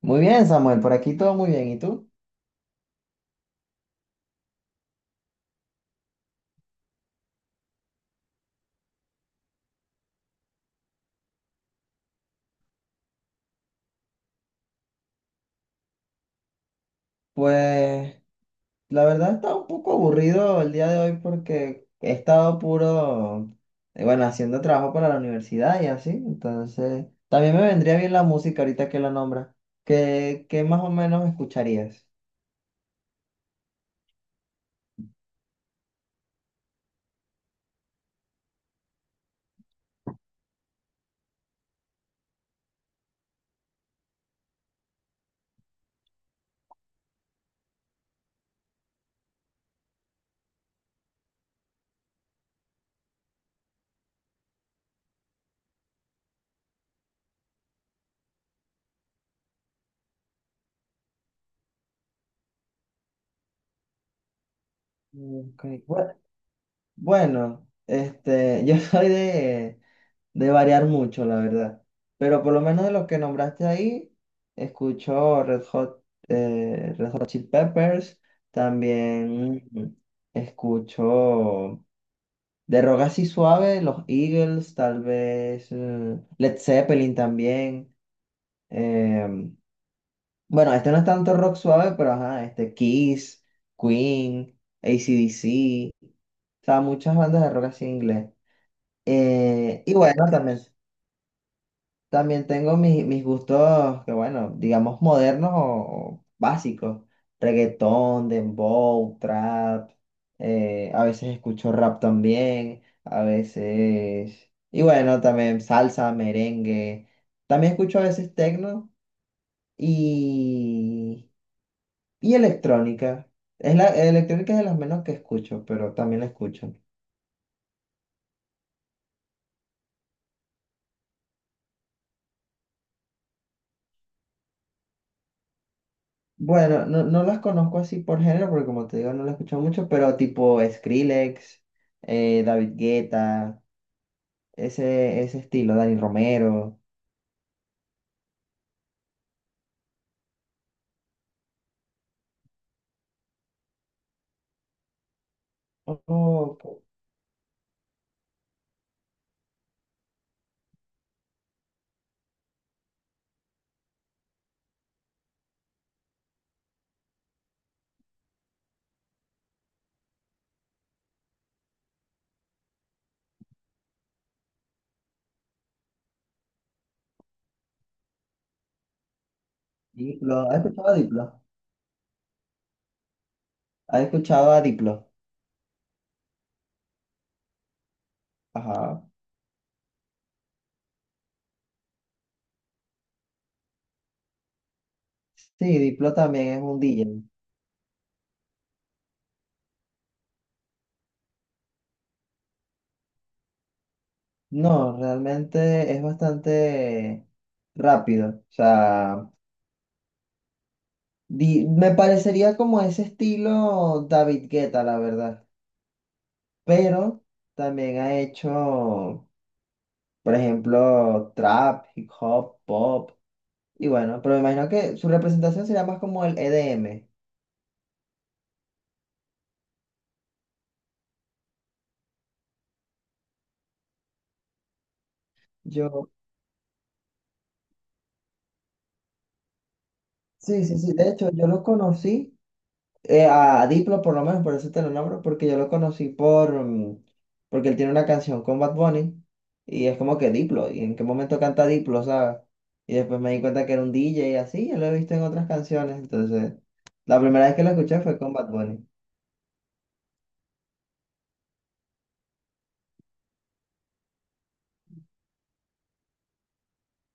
Muy bien, Samuel, por aquí todo muy bien. ¿Y tú? Pues la verdad está un poco aburrido el día de hoy porque he estado puro, bueno, haciendo trabajo para la universidad y así. Entonces, también me vendría bien la música ahorita que la nombra. ¿Qué más o menos escucharías? Ok, bue- Bueno, yo soy de variar mucho, la verdad. Pero por lo menos de los que nombraste ahí, escucho Red Hot, Red Hot Chili Peppers, también escucho de rock así suave, los Eagles, tal vez Led Zeppelin también. em, bueno, este no es tanto rock suave, pero ajá, este Kiss, Queen, AC/DC, o sea, muchas bandas de rock así en inglés. Y bueno, también. También tengo mis gustos, que bueno, digamos modernos o básicos. Reggaetón, dembow, trap. A veces escucho rap también. A veces. Y bueno, también salsa, merengue. También escucho a veces tecno y, y electrónica. Electrónica es de las menos que escucho, pero también la escucho. Bueno, no las conozco así por género, porque como te digo, no las he escuchado mucho, pero tipo Skrillex, David Guetta, ese estilo, Dani Romero. Oh, ok. Diplo, ¿has escuchado a Diplo? ¿Has escuchado a Diplo? Ajá. Sí, Diplo también es un DJ. No, realmente es bastante rápido. O sea, me parecería como ese estilo David Guetta, la verdad. Pero también ha hecho. Por ejemplo, trap, hip hop, pop. Y bueno, pero me imagino que su representación sería más como el EDM. Yo, sí, sí, sí. De hecho, yo lo conocí a Diplo, por lo menos, por eso te lo nombro, porque yo lo conocí por, porque él tiene una canción con Bad Bunny y es como que Diplo. ¿Y en qué momento canta Diplo, sabes? Y después me di cuenta que era un DJ y así, yo lo he visto en otras canciones. Entonces, la primera vez que lo escuché fue con Bad Bunny.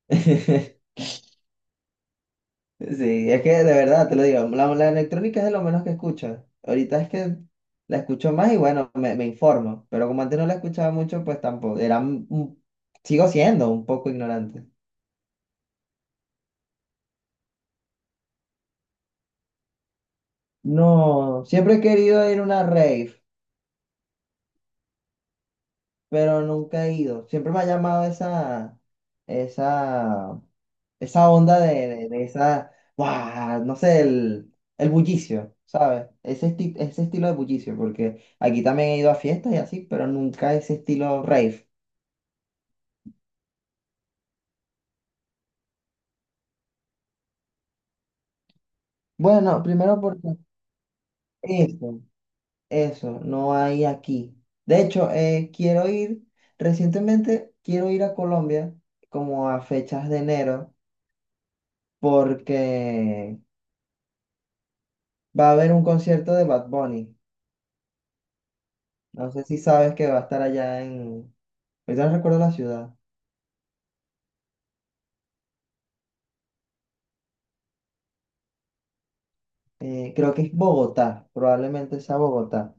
Sí, es que de verdad te lo digo, la electrónica es de lo menos que escucho. Ahorita es que la escucho más y bueno, me informo, pero como antes no la escuchaba mucho, pues tampoco, era sigo siendo un poco ignorante. No, siempre he querido ir a una rave, pero nunca he ido. Siempre me ha llamado esa esa onda de esa, ¡guau! No sé, el bullicio, ¿sabes? Ese estilo de bullicio, porque aquí también he ido a fiestas y así, pero nunca ese estilo rave. Bueno, primero porque eso, no hay aquí. De hecho, quiero ir, recientemente quiero ir a Colombia como a fechas de enero, porque va a haber un concierto de Bad Bunny. No sé si sabes que va a estar allá en... Ahorita no recuerdo la ciudad. Creo que es Bogotá, probablemente sea Bogotá,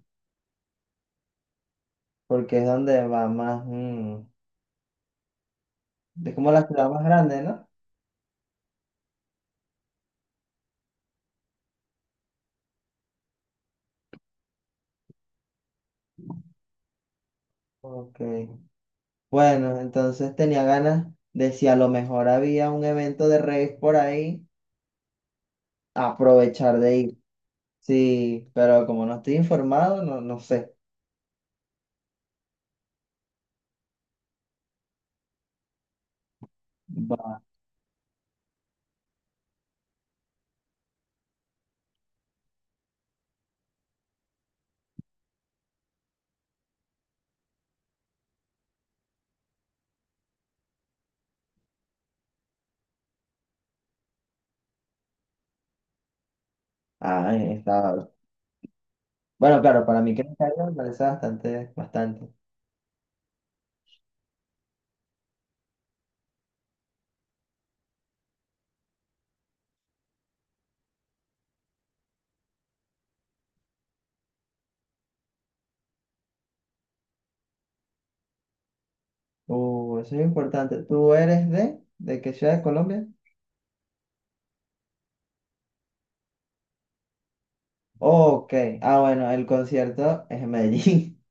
porque es donde va más, es como la ciudad más grande, ¿no? Ok. Bueno, entonces tenía ganas de si a lo mejor había un evento de rave por ahí, aprovechar de ir. Sí, pero como no estoy informado, no, no sé. Va. Está. Bueno, claro, para mí que me caiga me parece bastante, bastante. Eso es importante. ¿Tú eres de qué ciudad de Colombia? Ok, ah bueno, el concierto es en Medellín.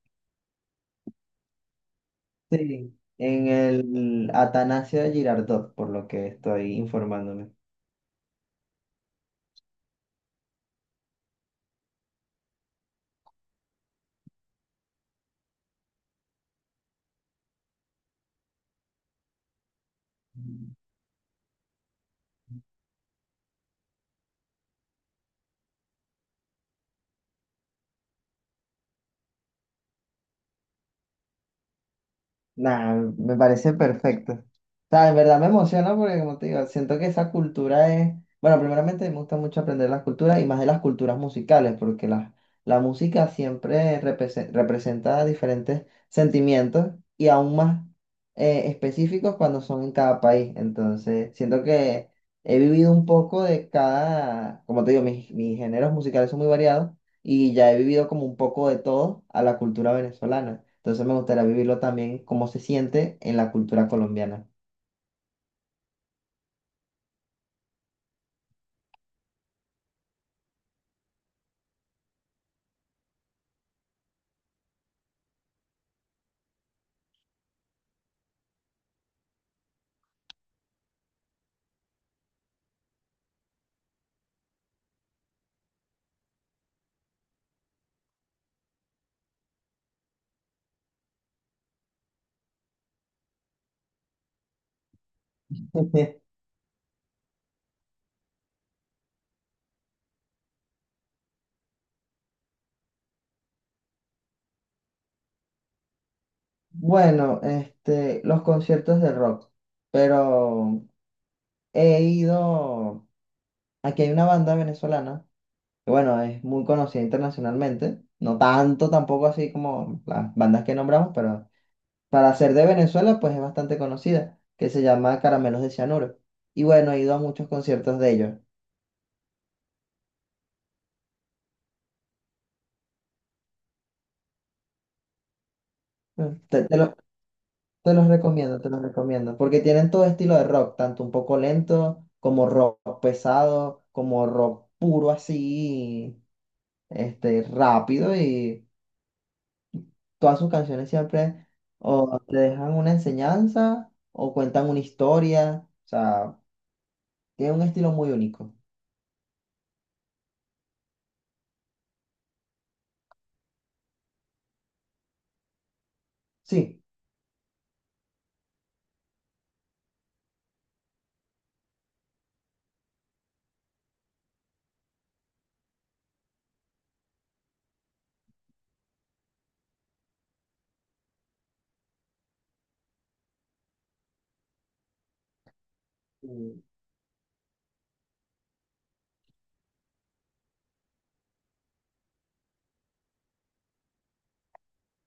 Sí, en el Atanasio Girardot, por lo que estoy informándome. Nah, me parece perfecto. O sea, en verdad me emociona porque, como te digo, siento que esa cultura es... Bueno, primeramente me gusta mucho aprender las culturas y más de las culturas musicales, porque la música siempre representa diferentes sentimientos y aún más específicos cuando son en cada país. Entonces, siento que he vivido un poco de cada... Como te digo, mis géneros musicales son muy variados y ya he vivido como un poco de todo a la cultura venezolana. Entonces me gustaría vivirlo también cómo se siente en la cultura colombiana. Bueno, los conciertos de rock, pero he ido, aquí hay una banda venezolana, que bueno, es muy conocida internacionalmente, no tanto tampoco así como las bandas que nombramos, pero para ser de Venezuela pues es bastante conocida, que se llama Caramelos de Cianuro. Y bueno, he ido a muchos conciertos de ellos. Mm, te los recomiendo, porque tienen todo estilo de rock, tanto un poco lento como rock pesado, como rock puro así, rápido y todas sus canciones siempre o te dejan una enseñanza o cuentan una historia, o sea, tiene un estilo muy único. Sí.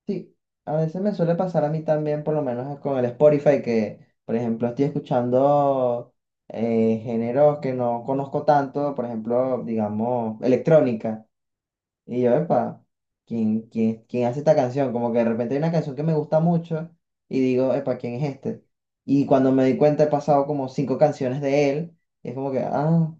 Sí, a veces me suele pasar a mí también, por lo menos con el Spotify, que por ejemplo estoy escuchando géneros que no conozco tanto, por ejemplo, digamos, electrónica. Y yo, epa, ¿ quién hace esta canción? Como que de repente hay una canción que me gusta mucho y digo, epa, ¿quién es este? Y cuando me di cuenta he pasado como cinco canciones de él, y es como que, ah,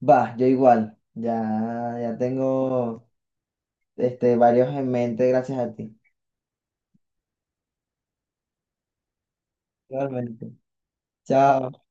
va, yo igual, ya tengo varios en mente gracias a ti. Igualmente. Chao.